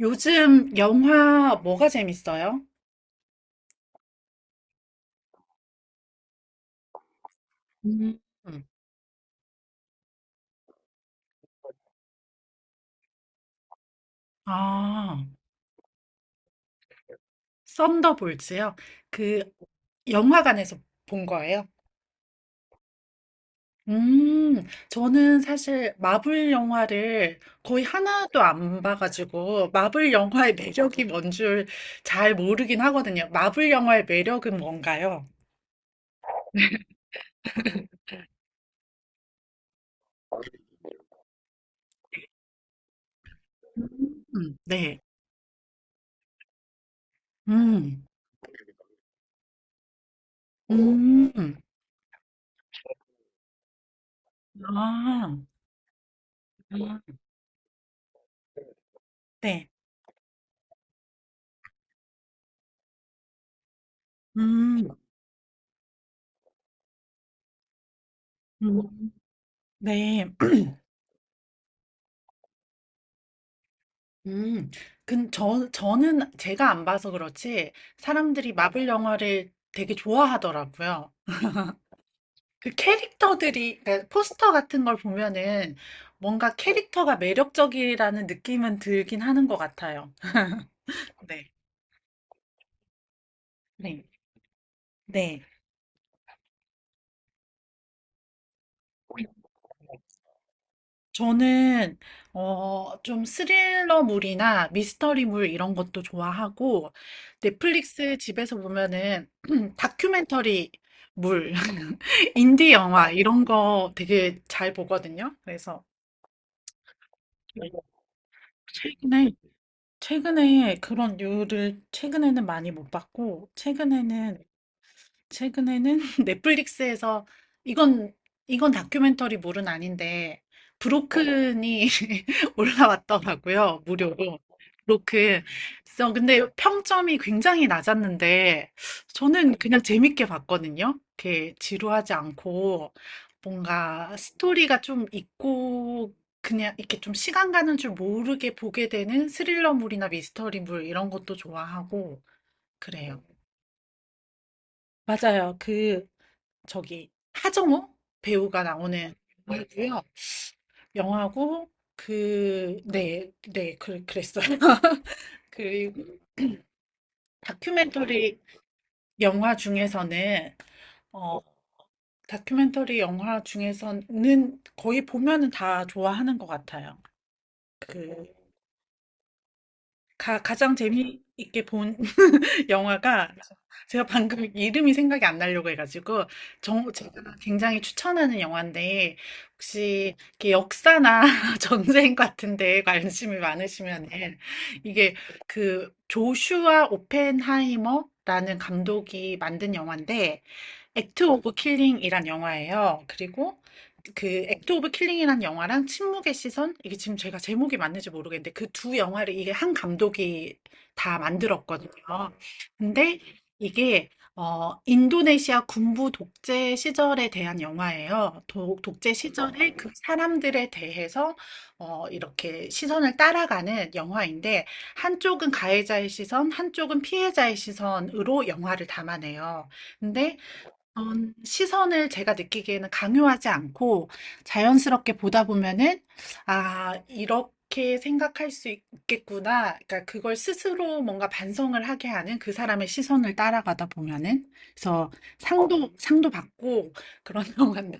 요즘 영화 뭐가 재밌어요? 음. 음. 아, 썬더볼츠요? 그 영화관에서 본 거예요? 음, 저는 사실 마블 영화를 거의 하나도 안 봐가지고 마블 영화의 매력이 뭔 줄 잘 모르긴 하거든요. 마블 영화의 매력은 뭔가요? 네. 음, 음, 아, 네. 음, 음, 네. 음. 근 저 저는 제가 안 봐서 그렇지 사람들이 마블 영화를 되게 좋아하더라고요. 그 캐릭터들이 그러니까 포스터 같은 걸 보면은 뭔가 캐릭터가 매력적이라는 느낌은 들긴 하는 것 같아요. 네. 네. 네. 저는 좀 스릴러물이나 미스터리물 이런 것도 좋아하고 넷플릭스 집에서 보면은 다큐멘터리 물, 인디 영화 이런 거 되게 잘 보거든요. 그래서 최근에 최근에 그런 류를 최근에는 많이 못 봤고 최근에는 최근에는 넷플릭스에서 이건 이건 다큐멘터리물은 아닌데 브로큰이 올라왔더라고요. 무료로. 브로큰. 그래서 근데 평점이 굉장히 낮았는데 저는 그냥 재밌게 봤거든요. 이렇게 지루하지 않고 뭔가 스토리가 좀 있고 그냥 이렇게 좀 시간 가는 줄 모르게 보게 되는 스릴러물이나 미스터리물 이런 것도 좋아하고 그래요. 맞아요. 그 저기 하정우 배우가 나오는 영화고요. 영화고 그 네, 네, 그랬어요. 그리고 다큐멘터리 영화 중에서는 어 다큐멘터리 영화 중에서는 거의 보면은 다 좋아하는 것 같아요. 그 가장 재미있게 본 영화가 제가 방금 이름이 생각이 안 나려고 해가지고 제가 굉장히 추천하는 영화인데 혹시 이렇게 역사나 전쟁 같은데 관심이 많으시면 이게 그 조슈아 오펜하이머라는 감독이 만든 영화인데 액트 오브 킬링이란 영화예요. 그리고 그 액트 오브 킬링이란 영화랑 침묵의 시선 이게 지금 제가 제목이 맞는지 모르겠는데 그 두 영화를 이게 한 감독이 다 만들었거든요. 근데 이게 인도네시아 군부 독재 시절에 대한 영화예요. 독재 시절에 그 사람들에 대해서 이렇게 시선을 따라가는 영화인데 한쪽은 가해자의 시선, 한쪽은 피해자의 시선으로 영화를 담아내요. 근데 어떤 시선을 제가 느끼기에는 강요하지 않고 자연스럽게 보다 보면은 '아 이렇게 생각할 수 있겠구나.' 그러니까 그걸 스스로 뭔가 반성을 하게 하는 그 사람의 시선을 따라가다 보면은. 그래서 상도 받고 그런 영화인데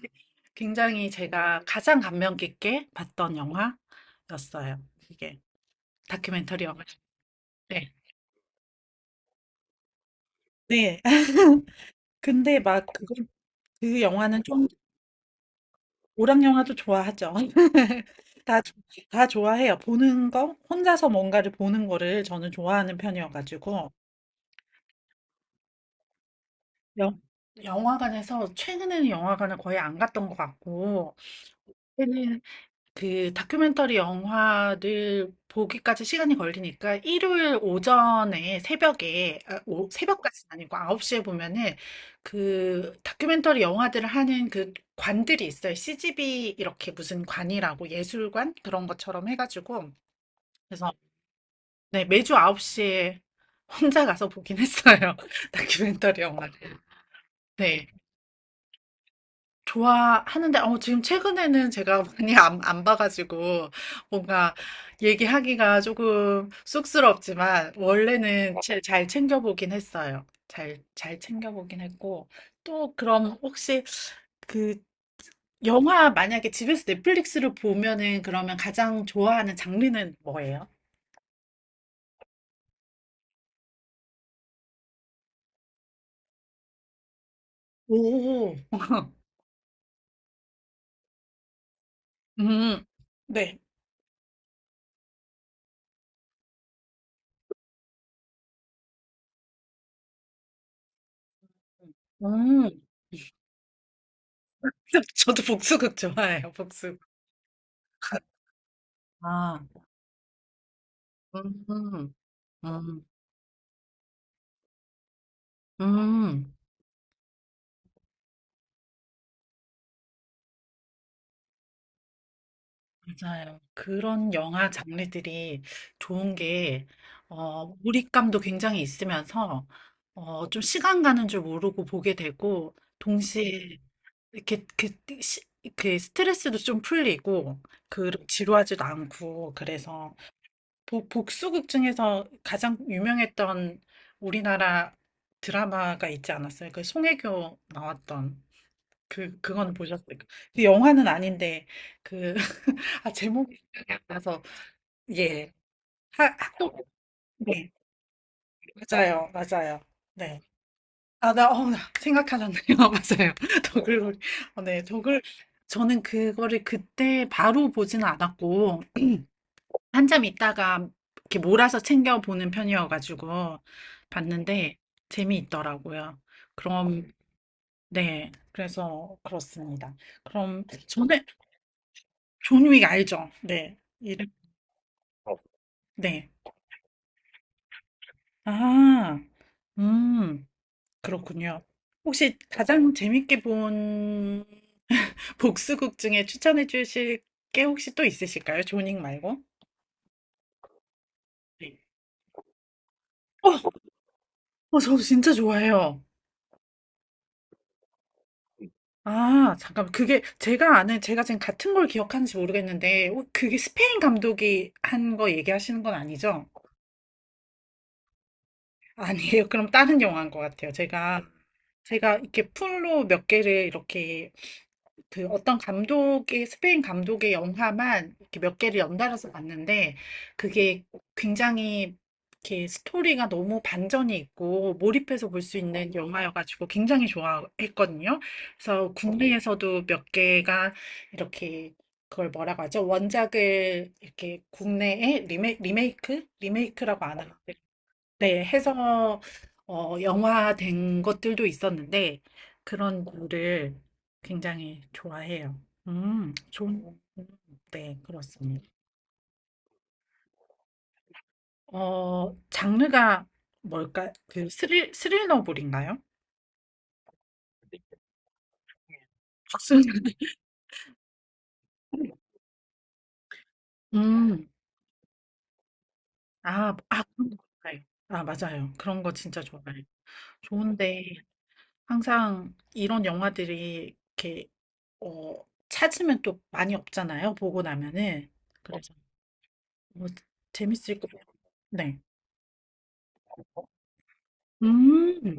굉장히 제가 가장 감명 깊게 봤던 영화였어요. 이게 다큐멘터리 영화. 네. 네. 근데 막그그 영화는 좀 오락 영화도 좋아하죠. 다, 좋- 다 좋아해요. 보는 거, 혼자서 뭔가를 보는 거를 저는 좋아하는 편이어가지고. 영, 영화관에서, 최근에는 영화관을 거의 안 갔던 것 같고, 그 다큐멘터리 영화를 보기까지 시간이 걸리니까 일요일 오전에 새벽에, 새벽까지는 아니고 9시에 보면은 그 다큐멘터리 영화들을 하는 그 관들이 있어요. CGV 이렇게 무슨 관이라고 예술관 그런 것처럼 해가지고. 그래서 네, 매주 9시에 혼자 가서 보긴 했어요. 다큐멘터리 영화를. 네. 좋아하는데, 지금 최근에는 제가 많이 안 봐가지고, 뭔가 얘기하기가 조금 쑥스럽지만, 원래는 잘 챙겨보긴 했어요. 잘 챙겨보긴 했고, 또 그럼 혹시 그 영화 만약에 집에서 넷플릭스를 보면은 그러면 가장 좋아하는 장르는 뭐예요? 오, 음, 네. 음, 저도 복수극 좋아해요, 복수. 아, 음, 음. 음. 맞아요. 그런 영화 장르들이 좋은 게, 몰입감도 굉장히 있으면서, 좀 시간 가는 줄 모르고 보게 되고, 동시에 이렇게, 시, 그 스트레스도 좀 풀리고, 그, 지루하지도 않고, 그래서, 복수극 중에서 가장 유명했던 우리나라 드라마가 있지 않았어요? 그 송혜교 나왔던, 그건 보셨어요? 그 영화는 아닌데, 그, 아, 제목이 기억이 안 나서, 예. 학교, 네. 맞아요, 맞아요. 네. 아, 나 생각하셨네요. 맞아요. 더글로리. 어, 네, 더글. 저는 그거를 그때 바로 보지는 않았고, 한참 있다가 이렇게 몰아서 챙겨보는 편이어가지고, 봤는데, 재미있더라고요. 그럼, 네. 그래서, 그렇습니다. 그럼, 저는, 존윅 알죠? 네. 이름, 네. 아, 음. 그렇군요. 혹시 가장 재밌게 본 복수극 중에 추천해 주실 게 혹시 또 있으실까요? 조닝 말고? 네. 어, 저 진짜 좋아해요. 아, 잠깐, 그게 제가 아는, 제가 지금 같은 걸 기억하는지 모르겠는데, 그게 스페인 감독이 한 거 얘기하시는 건 아니죠? 아니에요. 그럼 다른 영화인 것 같아요. 제가 이렇게 풀로 몇 개를 이렇게 그 어떤 감독의, 스페인 감독의 영화만 이렇게 몇 개를 연달아서 봤는데, 그게 굉장히 이렇게 스토리가 너무 반전이 있고, 몰입해서 볼 수 있는 영화여가지고 굉장히 좋아했거든요. 그래서 국내에서도 몇 개가 이렇게 그걸 뭐라고 하죠? 원작을 이렇게 국내에 리메이크? 리메이크라고 안 하나? 네, 해서 어, 영화된 것들도 있었는데 그런 거를 굉장히 좋아해요. 좋은, 네, 그렇습니다. 어, 장르가 뭘까? 그 스릴러물인가요? 무슨- 음, 아, 그런 거 좋아해요. 아, 맞아요. 그런 거 진짜 좋아해요. 좋은데 항상 이런 영화들이 이렇게 어, 찾으면 또 많이 없잖아요. 보고 나면은. 그래서 뭐 재밌을 것 같아요. 네. 어? 음.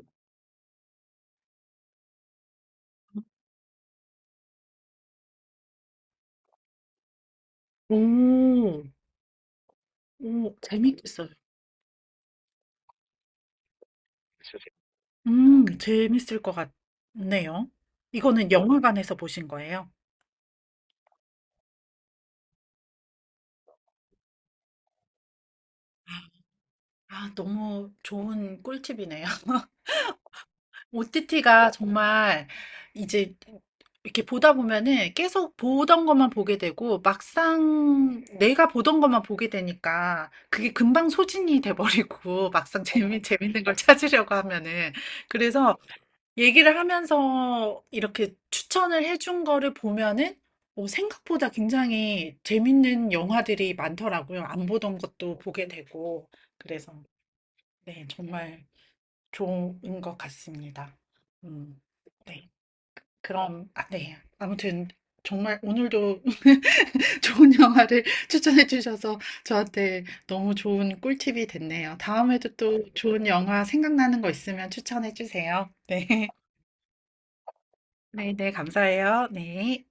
오. 오, 재밌겠어요. 있요 재밌을 것 같네요. 이거는 영화관에서 보신 거예요? 아, 너무 좋은 꿀팁이네요. OTT가 정말 이제 이렇게 보다 보면은 계속 보던 것만 보게 되고 막상 내가 보던 것만 보게 되니까 그게 금방 소진이 돼버리고 막상 재밌는 걸 찾으려고 하면은 그래서 얘기를 하면서 이렇게 추천을 해준 거를 보면은 어, 생각보다 굉장히 재밌는 영화들이 많더라고요. 안 보던 것도 보게 되고. 그래서, 네, 정말 좋은 것 같습니다. 음, 네. 그럼, 아, 네. 아무튼, 정말 오늘도 좋은 영화를 추천해 주셔서 저한테 너무 좋은 꿀팁이 됐네요. 다음에도 또 좋은 영화 생각나는 거 있으면 추천해 주세요. 네. 네, 네, 감사해요. 네.